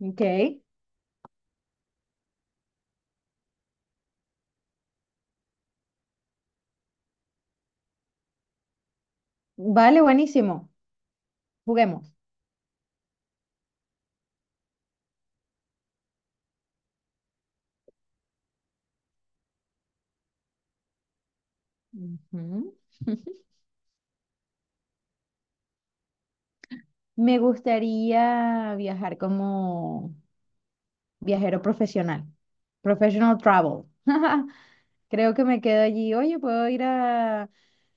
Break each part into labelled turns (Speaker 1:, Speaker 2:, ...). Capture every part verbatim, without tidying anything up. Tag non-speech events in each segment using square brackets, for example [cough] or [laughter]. Speaker 1: Ok, vale, buenísimo. Juguemos. Ujú. Me gustaría viajar como viajero profesional, professional travel. [laughs] Creo que me quedo allí. Oye, puedo ir a,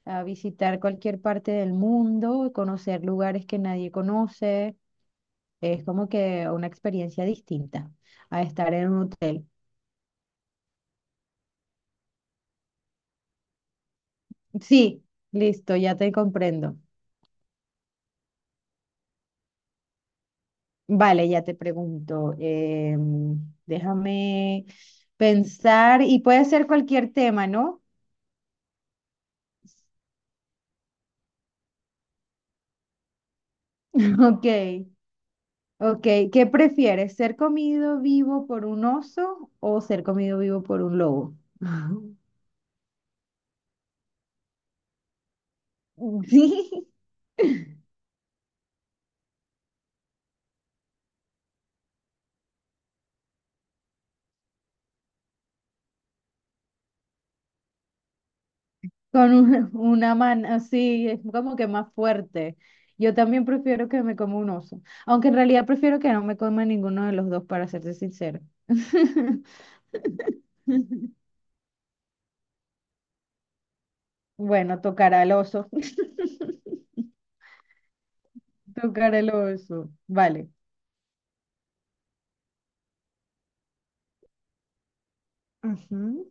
Speaker 1: a visitar cualquier parte del mundo, conocer lugares que nadie conoce. Es como que una experiencia distinta a estar en un hotel. Sí, listo, ya te comprendo. Vale, ya te pregunto. Em, déjame pensar y puede ser cualquier tema, ¿no? [laughs] Ok, ok. ¿Qué prefieres? ¿Ser comido vivo por un oso o ser comido vivo por un lobo? [laughs] Sí, con un- una mano así, es como que más fuerte. Yo también prefiero que me coma un oso, aunque en realidad prefiero que no me coma ninguno de los dos, para serte sincero. [laughs] Bueno, tocará al oso. Tocar el oso. Vale. Ujú.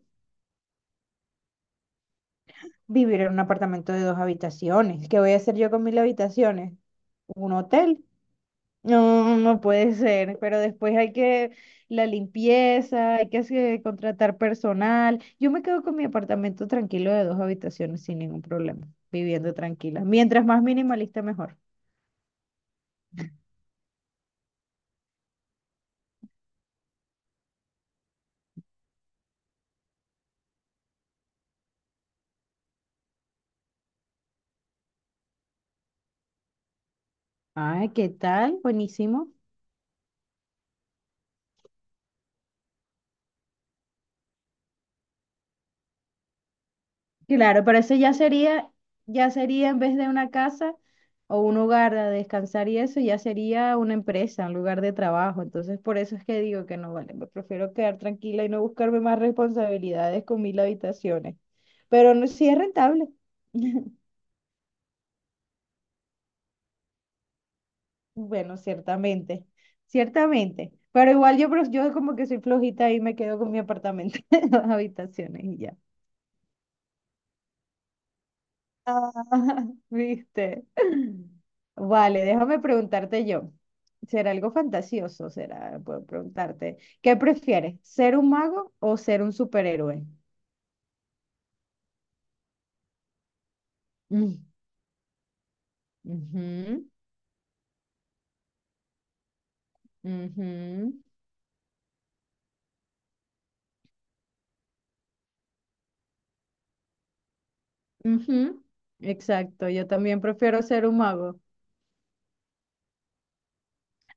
Speaker 1: Vivir en un apartamento de dos habitaciones. ¿Qué voy a hacer yo con mil habitaciones? ¿Un hotel? No, no puede ser. Pero después hay que la limpieza, hay que hacer- contratar personal. Yo me quedo con mi apartamento tranquilo de dos habitaciones sin ningún problema, viviendo tranquila. Mientras más minimalista, mejor. Ah, ¿qué tal? Buenísimo. Claro, pero eso ya sería, ya sería en vez de una casa o un hogar a descansar y eso, ya sería una empresa, un lugar de trabajo. Entonces, por eso es que digo que no vale, me prefiero quedar tranquila y no buscarme más responsabilidades con mil habitaciones. Pero no, sí es rentable. [laughs] Bueno, ciertamente, ciertamente. Pero igual yo, pro- yo como que soy flojita y me quedo con mi apartamento, [laughs] de dos habitaciones y ya. Ah, [laughs] ¿viste? Vale, déjame preguntarte yo. ¿Será algo fantasioso? ¿Será? Puedo preguntarte. ¿Qué prefieres? ¿Ser un mago o ser un superhéroe? Mm, ujú, ujú, ujú. Exacto, yo también prefiero ser un mago.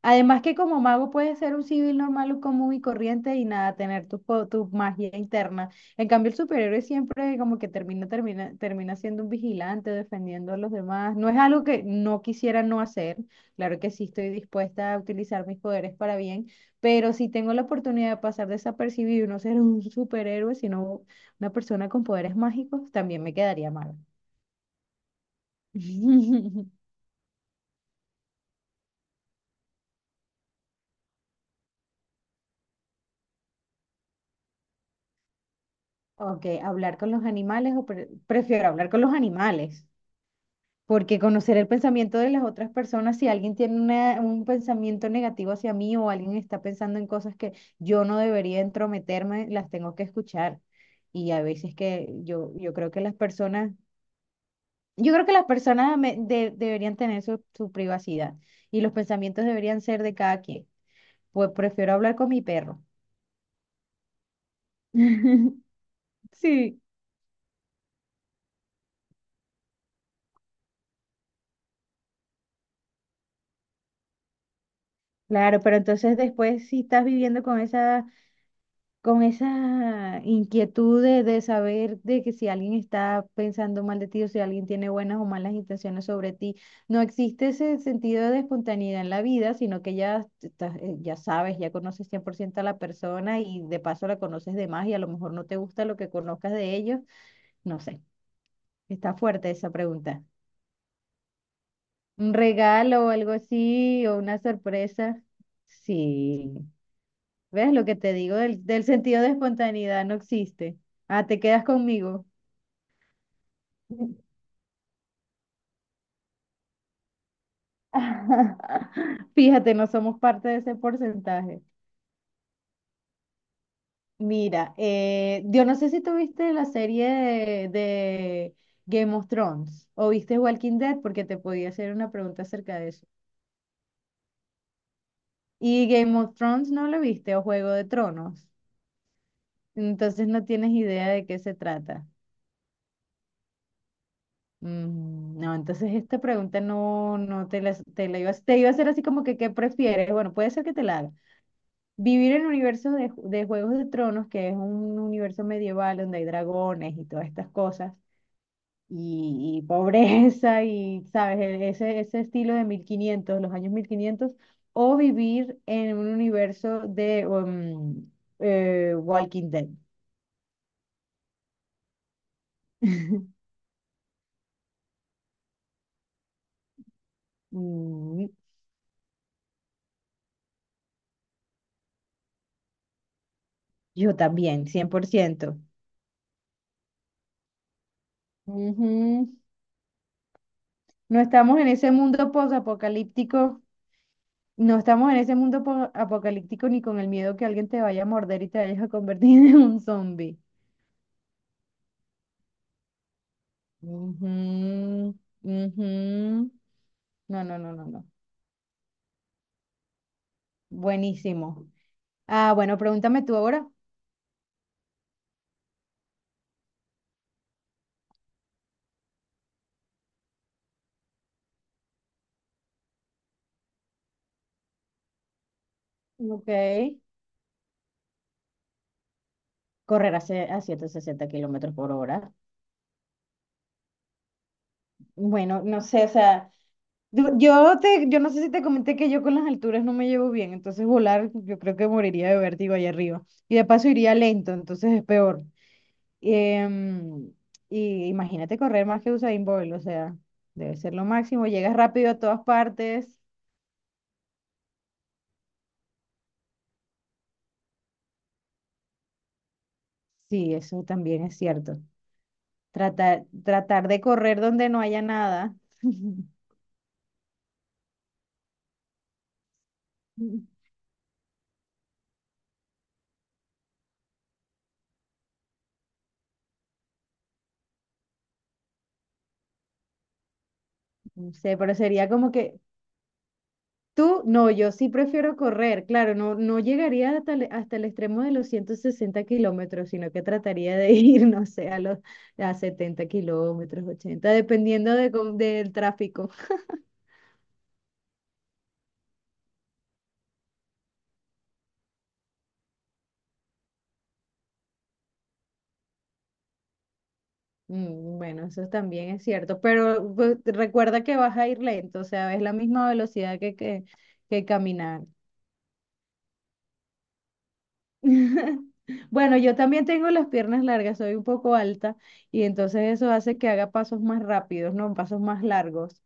Speaker 1: Además que como mago puedes ser un civil normal, un común y corriente y nada, tener tu, po- tu magia interna. En cambio, el superhéroe siempre como que termina, termina, termina siendo un vigilante, defendiendo a los demás. No es algo que no quisiera no hacer. Claro que sí estoy dispuesta a utilizar mis poderes para bien, pero si tengo la oportunidad de pasar desapercibido y no ser un superhéroe, sino una persona con poderes mágicos, también me quedaría mal. [laughs] Ok, hablar con los animales o pre- prefiero hablar con los animales. Porque conocer el pensamiento de las otras personas, si alguien tiene una- un pensamiento negativo hacia mí o alguien está pensando en cosas que yo no debería entrometerme, las tengo que escuchar. Y a veces que yo, yo creo que las personas, yo creo que las personas me- de- deberían tener su, su privacidad y los pensamientos deberían ser de cada quien. Pues prefiero hablar con mi perro. [laughs] Sí, claro, pero entonces después si estás viviendo con esas con esa inquietud de, de saber de que si alguien está pensando mal de ti o si alguien tiene buenas o malas intenciones sobre ti, no existe ese sentido de espontaneidad en la vida, sino que ya, estás- eh, ya sabes, ya conoces cien por ciento a la persona y de paso la conoces de más y a lo mejor no te gusta lo que conozcas de ellos. No sé, está fuerte esa pregunta. Un regalo o algo así o una sorpresa. Sí. ¿Ves lo que te digo? Del, del sentido de espontaneidad no existe. Ah, te quedas conmigo. [laughs] Fíjate, no somos parte de ese porcentaje. Mira, eh, yo no sé si tú viste la serie de, de Game of Thrones o viste Walking Dead porque te podía hacer una pregunta acerca de eso. Y Game of Thrones no lo viste o Juego de Tronos. Entonces no tienes idea de qué se trata. Mm. No, entonces esta pregunta no, no te la, te la iba, a- te iba a hacer así como que ¿qué prefieres? Bueno, puede ser que te la haga. Vivir en el universo de, Ju- de Juegos de Tronos, que es un universo medieval donde hay dragones y todas estas cosas, y, y pobreza y, ¿sabes? E- Ese, ese estilo de mil quinientos, los años mil quinientos, o vivir en un universo de um, eh, Walking Dead. [laughs] Mm. Yo también, cien por ciento. Ujú. No estamos en ese mundo posapocalíptico, no estamos en ese mundo apocalíptico ni con el miedo que alguien te vaya a morder y te vayas a convertir [laughs] en un zombie. Ujú, ujú. No, no, no, no, no. Buenísimo. Ah, bueno, pregúntame tú ahora. Ok. Correr a, ce- a ciento sesenta kilómetros por hora. Bueno, no sé, o sea, du- yo te, yo no sé si te comenté que yo con las alturas no me llevo bien, entonces volar yo creo que moriría de vértigo allá arriba. Y de paso iría lento, entonces es peor. Em, y imagínate correr más que Usain Bolt, o sea, debe ser lo máximo, llegas rápido a todas partes. Sí, eso también es cierto. Tratar, tratar de correr donde no haya nada. [laughs] No sé, pero sería como que tú, no, yo sí prefiero correr, claro, no, no llegaría hasta el, hasta el extremo de los ciento sesenta kilómetros, sino que trataría de [laughs] ir, no sé, a los a setenta kilómetros, ochenta, dependiendo de, cómo- del tráfico. Mm. Bueno, eso también es cierto, pero pues, recuerda que vas a ir lento, o sea, es la misma velocidad que, que, que caminar. [laughs] Bueno, yo también tengo las piernas largas, soy un poco alta y entonces eso hace que haga pasos más rápidos, no pasos más largos.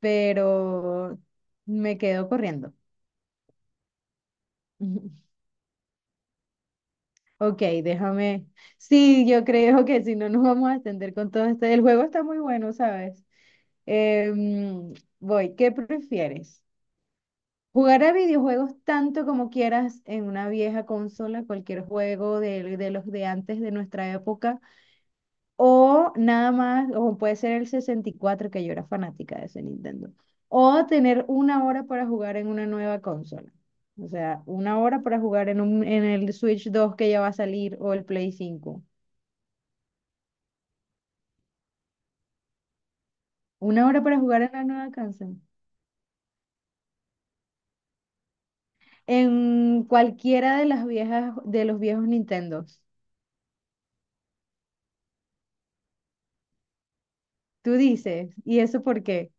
Speaker 1: Pero me quedo corriendo. [laughs] Ok, déjame. Sí, yo creo que si no nos vamos a extender con todo este. El juego está muy bueno, ¿sabes? Em, voy, ¿qué prefieres? ¿Jugar a videojuegos tanto como quieras en una vieja consola, cualquier juego de, de los de antes de nuestra época? O nada más, o puede ser el sesenta y cuatro que yo era fanática de ese Nintendo. O tener una hora para jugar en una nueva consola. O sea, una hora para jugar en, un, en el Switch dos que ya va a salir o el Play cinco. Una hora para jugar en la nueva consola. En cualquiera de las viejas, de los viejos Nintendos. Tú dices, ¿y eso por qué?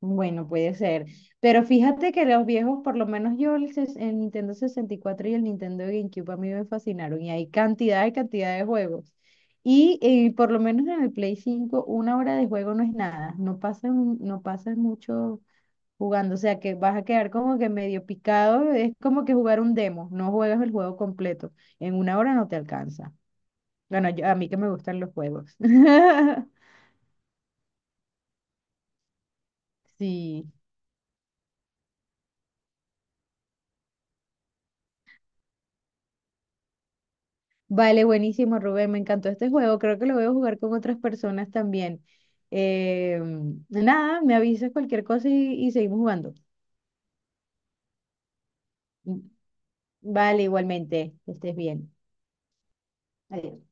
Speaker 1: Bueno, puede ser. Pero fíjate que los viejos, por lo menos yo, el, ses- el Nintendo sesenta y cuatro y cuatro y el Nintendo GameCube a mí me fascinaron. Y hay cantidad y cantidad de juegos. Y eh, por lo menos en el Play cinco, una hora de juego no es nada. No pasas, no pasas mucho jugando. O sea que vas a quedar como que medio picado. Es como que jugar un demo. No juegas el juego completo. En una hora no te alcanza. Bueno, yo- a mí que me gustan los juegos. [laughs] Sí. Vale, buenísimo, Rubén. Me encantó este juego. Creo que lo voy a jugar con otras personas también. Eh, nada, me avisas cualquier cosa y, y seguimos jugando. Vale, igualmente. Que estés bien. Adiós.